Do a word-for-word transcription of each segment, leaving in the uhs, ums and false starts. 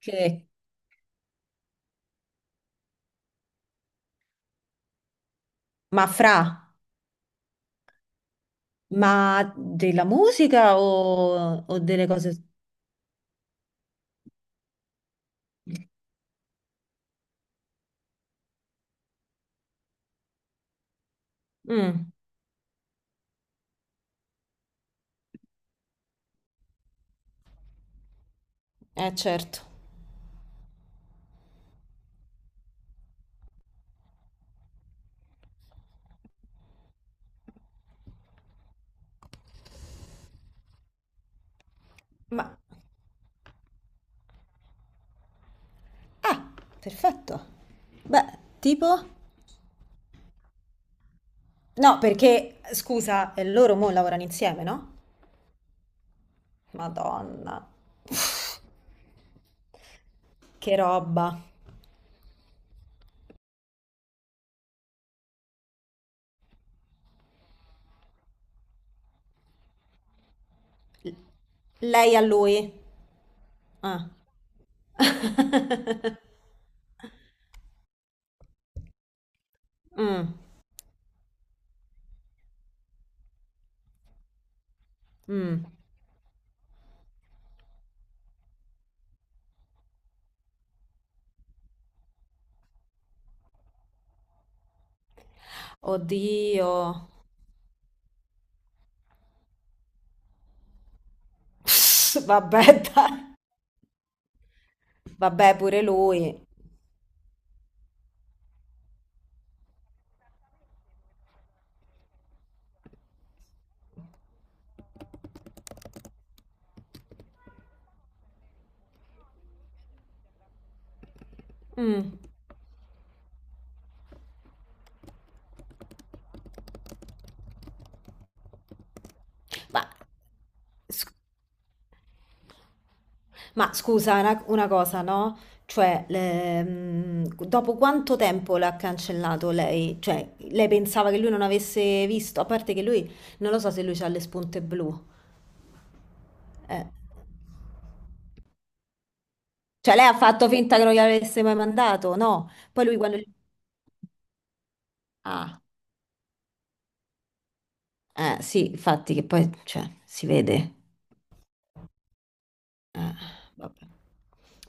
Che- ma fra, ma della musica o, o delle cose? Mm. Eh, certo. Ma... Ah, perfetto. Beh, tipo... No, perché, scusa, eh, loro mo lavorano insieme, no? Madonna, che roba. L- lei a lui. Ah. Mm, mm. Oddio. Pss, vabbè, dai. Vabbè, pure lui. Mm. Ma... Ma scusa, una, una cosa, no? Cioè, le- mm, dopo quanto tempo l'ha cancellato lei? Cioè, lei pensava che lui non avesse visto, a parte che lui, non lo so se lui ha le spunte blu. Eh. Cioè, lei ha fatto finta che non gli avesse mai mandato, no? Poi lui quando... gli- Ah, eh, sì, infatti che poi, cioè, si vede. Eh, vabbè.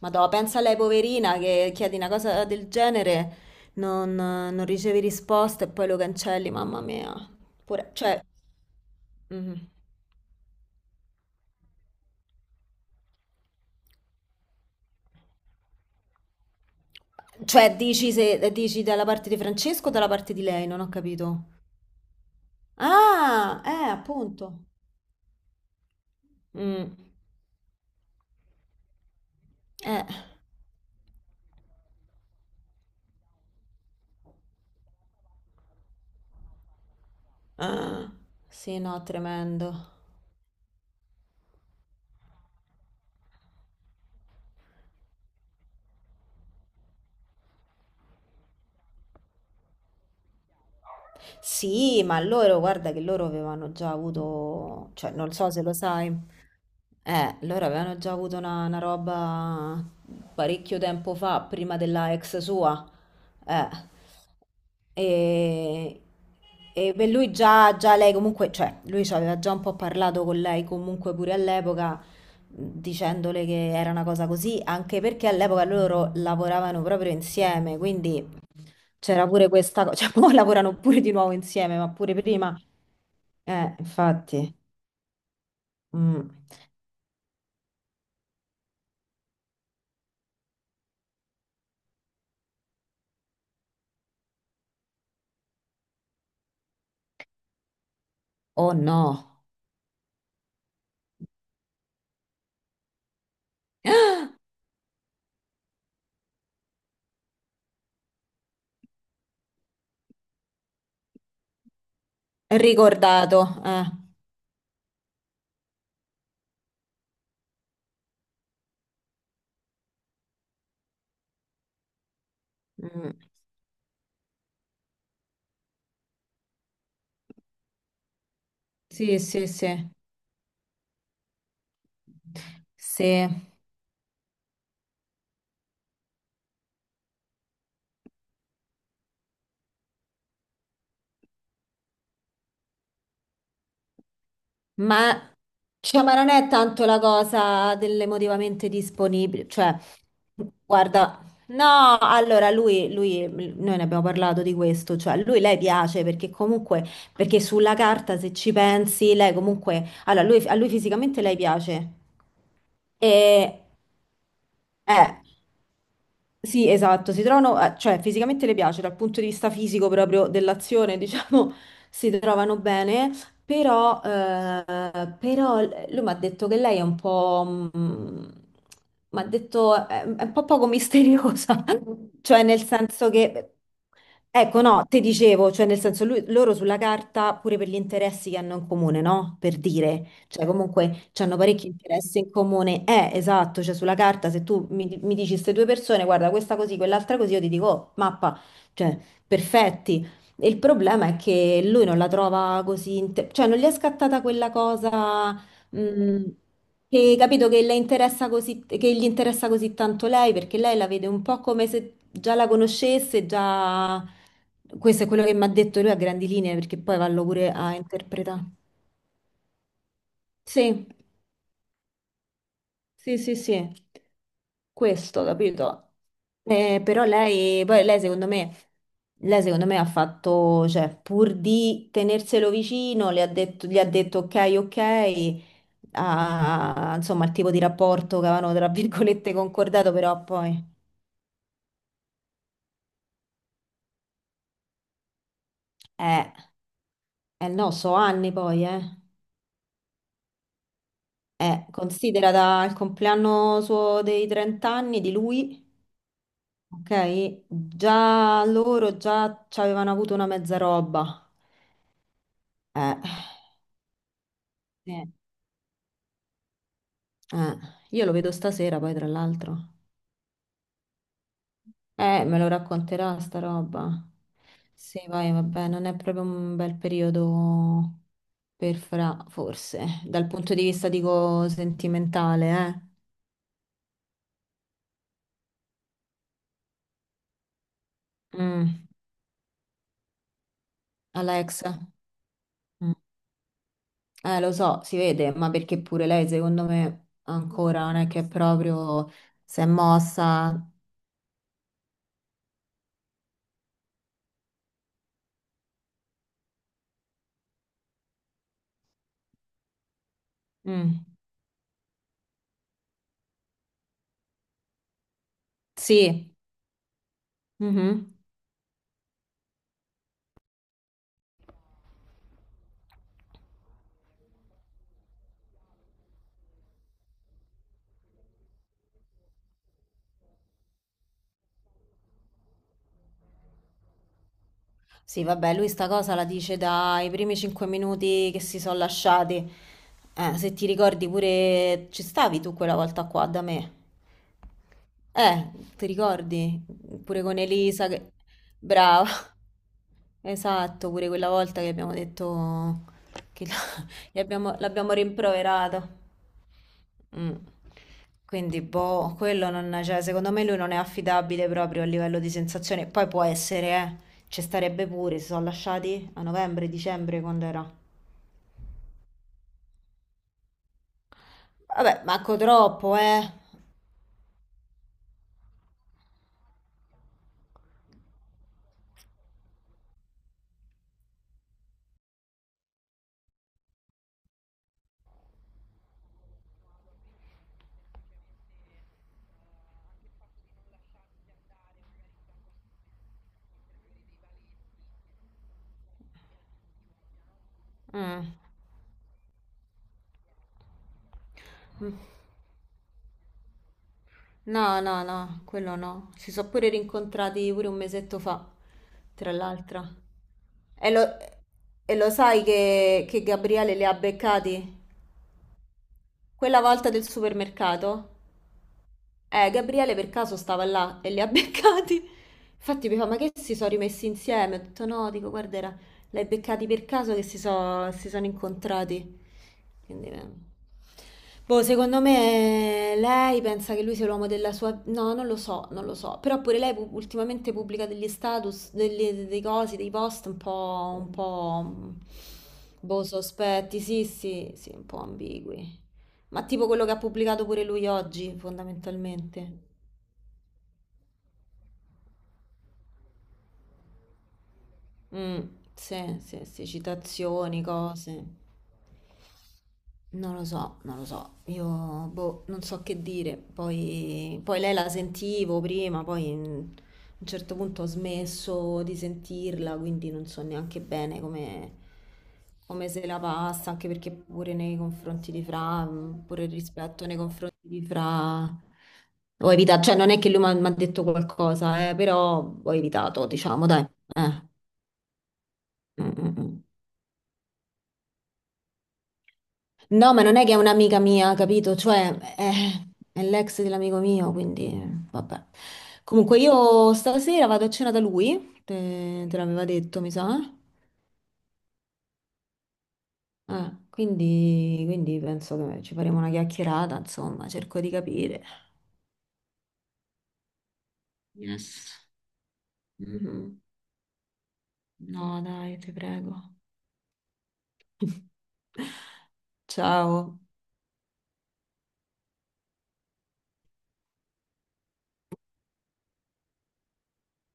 Madò, pensa a lei poverina che chiedi una cosa del genere, non, non ricevi risposta e poi lo cancelli, mamma mia. Pure, cioè, mhm. Cioè, dici, se, eh, dici dalla parte di Francesco o dalla parte di lei? Non ho capito. Ah, eh, appunto. Mm, eh. Ah, sì, no, tremendo. Sì, ma loro, guarda che loro avevano già avuto, cioè, non so se lo sai. Eh, loro avevano già avuto una, una roba parecchio tempo fa, prima della ex sua. Eh. E, e per lui già, già lei comunque, cioè, lui ci aveva già un po' parlato con lei comunque pure all'epoca, dicendole che era una cosa così, anche perché all'epoca loro lavoravano proprio insieme, quindi c'era pure questa cosa, cioè, poi lavorano pure di nuovo insieme, ma pure prima. Eh, infatti. Mm. Oh no. Ricordato, eh. Mm. Sì, sì, sì, sì, ma, cioè, ma non è tanto la cosa dell'emotivamente disponibile, cioè, guarda, no, allora lui, lui, noi ne abbiamo parlato di questo, cioè, lui, lei piace perché comunque, perché sulla carta se ci pensi, lei comunque, allora, lui, a lui fisicamente lei piace, e, eh, sì, esatto, si trovano, eh, cioè fisicamente le piace dal punto di vista fisico proprio dell'azione, diciamo, si trovano bene, però, eh, però l- lui mi ha detto che lei è un po', mi ha detto, è, è un po' poco misteriosa, cioè nel senso che, ecco, no, te dicevo, cioè nel senso lui- loro sulla carta, pure per gli interessi che hanno in comune, no? Per dire. Cioè, comunque hanno parecchi interessi in comune. Eh, esatto, cioè sulla carta se tu mi, mi dici queste due persone, guarda, questa così, quell'altra così, io ti dico, oh, mappa, cioè, perfetti. E il problema è che lui non la trova così, inte- cioè non gli è scattata quella cosa, mh, che capito che le interessa così, che gli interessa così tanto lei, perché lei la vede un po' come se già la conoscesse, già... Questo è quello che mi ha detto lui a grandi linee, perché poi vallo pure a interpretare. Sì. Sì, sì, sì, questo, capito? Eh, però lei, poi lei secondo me, lei secondo me ha fatto, cioè, pur di tenerselo vicino, le ha detto, gli ha detto ok, ok, a- insomma, il tipo di rapporto che avevano, tra virgolette, concordato, però poi, eh, eh no, so anni poi, eh. Eh, considera dal compleanno suo dei trenta anni di lui, ok? Già loro già ci avevano avuto una mezza roba. Eh, Eh, eh, io lo vedo stasera poi tra l'altro. Eh, me lo racconterà sta roba. Sì, poi vabbè, non è proprio un bel periodo per Fra, forse, dal punto di vista, dico, sentimentale, eh. Mm, Alexa. Mm. Eh, lo so, si vede, ma perché pure lei, secondo me, ancora non è che è proprio si è mossa. Mm. Sì. Mhm. Sì, vabbè, lui sta cosa la dice dai primi cinque minuti che si sono lasciati. Eh, se ti ricordi pure, ci stavi tu quella volta qua da me. Eh, ti ricordi? Pure con Elisa che... Brava. Esatto, pure quella volta che abbiamo detto che la- gli abbiamo- l'abbiamo rimproverato. Mm. Quindi, boh, quello non, cioè, secondo me lui non è affidabile proprio a livello di sensazione. Poi può essere, eh, ci starebbe pure, si sono lasciati a novembre, dicembre, quando era. Vabbè, manco troppo, eh. Mm. Mm. No, no, no, quello no. Si sono pure rincontrati pure un mesetto fa, tra l'altro. E lo, e lo sai che, che Gabriele li ha beccati? Quella volta del supermercato? Eh, Gabriele per caso stava là e li ha beccati. Infatti mi fa, ma che si sono rimessi insieme? Ho detto no, dico, guarda, era- l'hai beccati per caso che si, so- si sono incontrati. Quindi, eh, boh, secondo me eh, lei pensa che lui sia l'uomo della sua... No, non lo so, non lo so. Però pure lei pu- ultimamente pubblica degli status, degli, dei cosi, dei post un po', un po'... mm, boh, sospetti, sì, sì, sì, un po' ambigui. Ma tipo quello che ha pubblicato pure lui oggi, fondamentalmente. Mm, sì, sì, sì, citazioni, cose. Non lo so, non lo so, io boh, non so che dire. Poi, poi lei la sentivo prima, poi mm, a un certo punto ho smesso di sentirla, quindi non so neanche bene come, come se la passa, anche perché pure nei confronti di Fra, mm, pure il rispetto nei confronti di Fra, ho evitato, cioè non è che lui mi ha mi ha detto qualcosa, eh, però ho evitato, diciamo, dai. Eh. Mm, mm, mm. No, ma non è che è un'amica mia, capito? Cioè, eh, è l'ex dell'amico mio, quindi eh, vabbè. Comunque io stasera vado a cena da lui, te, te l'aveva detto, mi sa. Eh, quindi, quindi penso che ci faremo una chiacchierata, insomma, cerco di capire. Yes. Mhm. No, dai, ti prego. Ciao.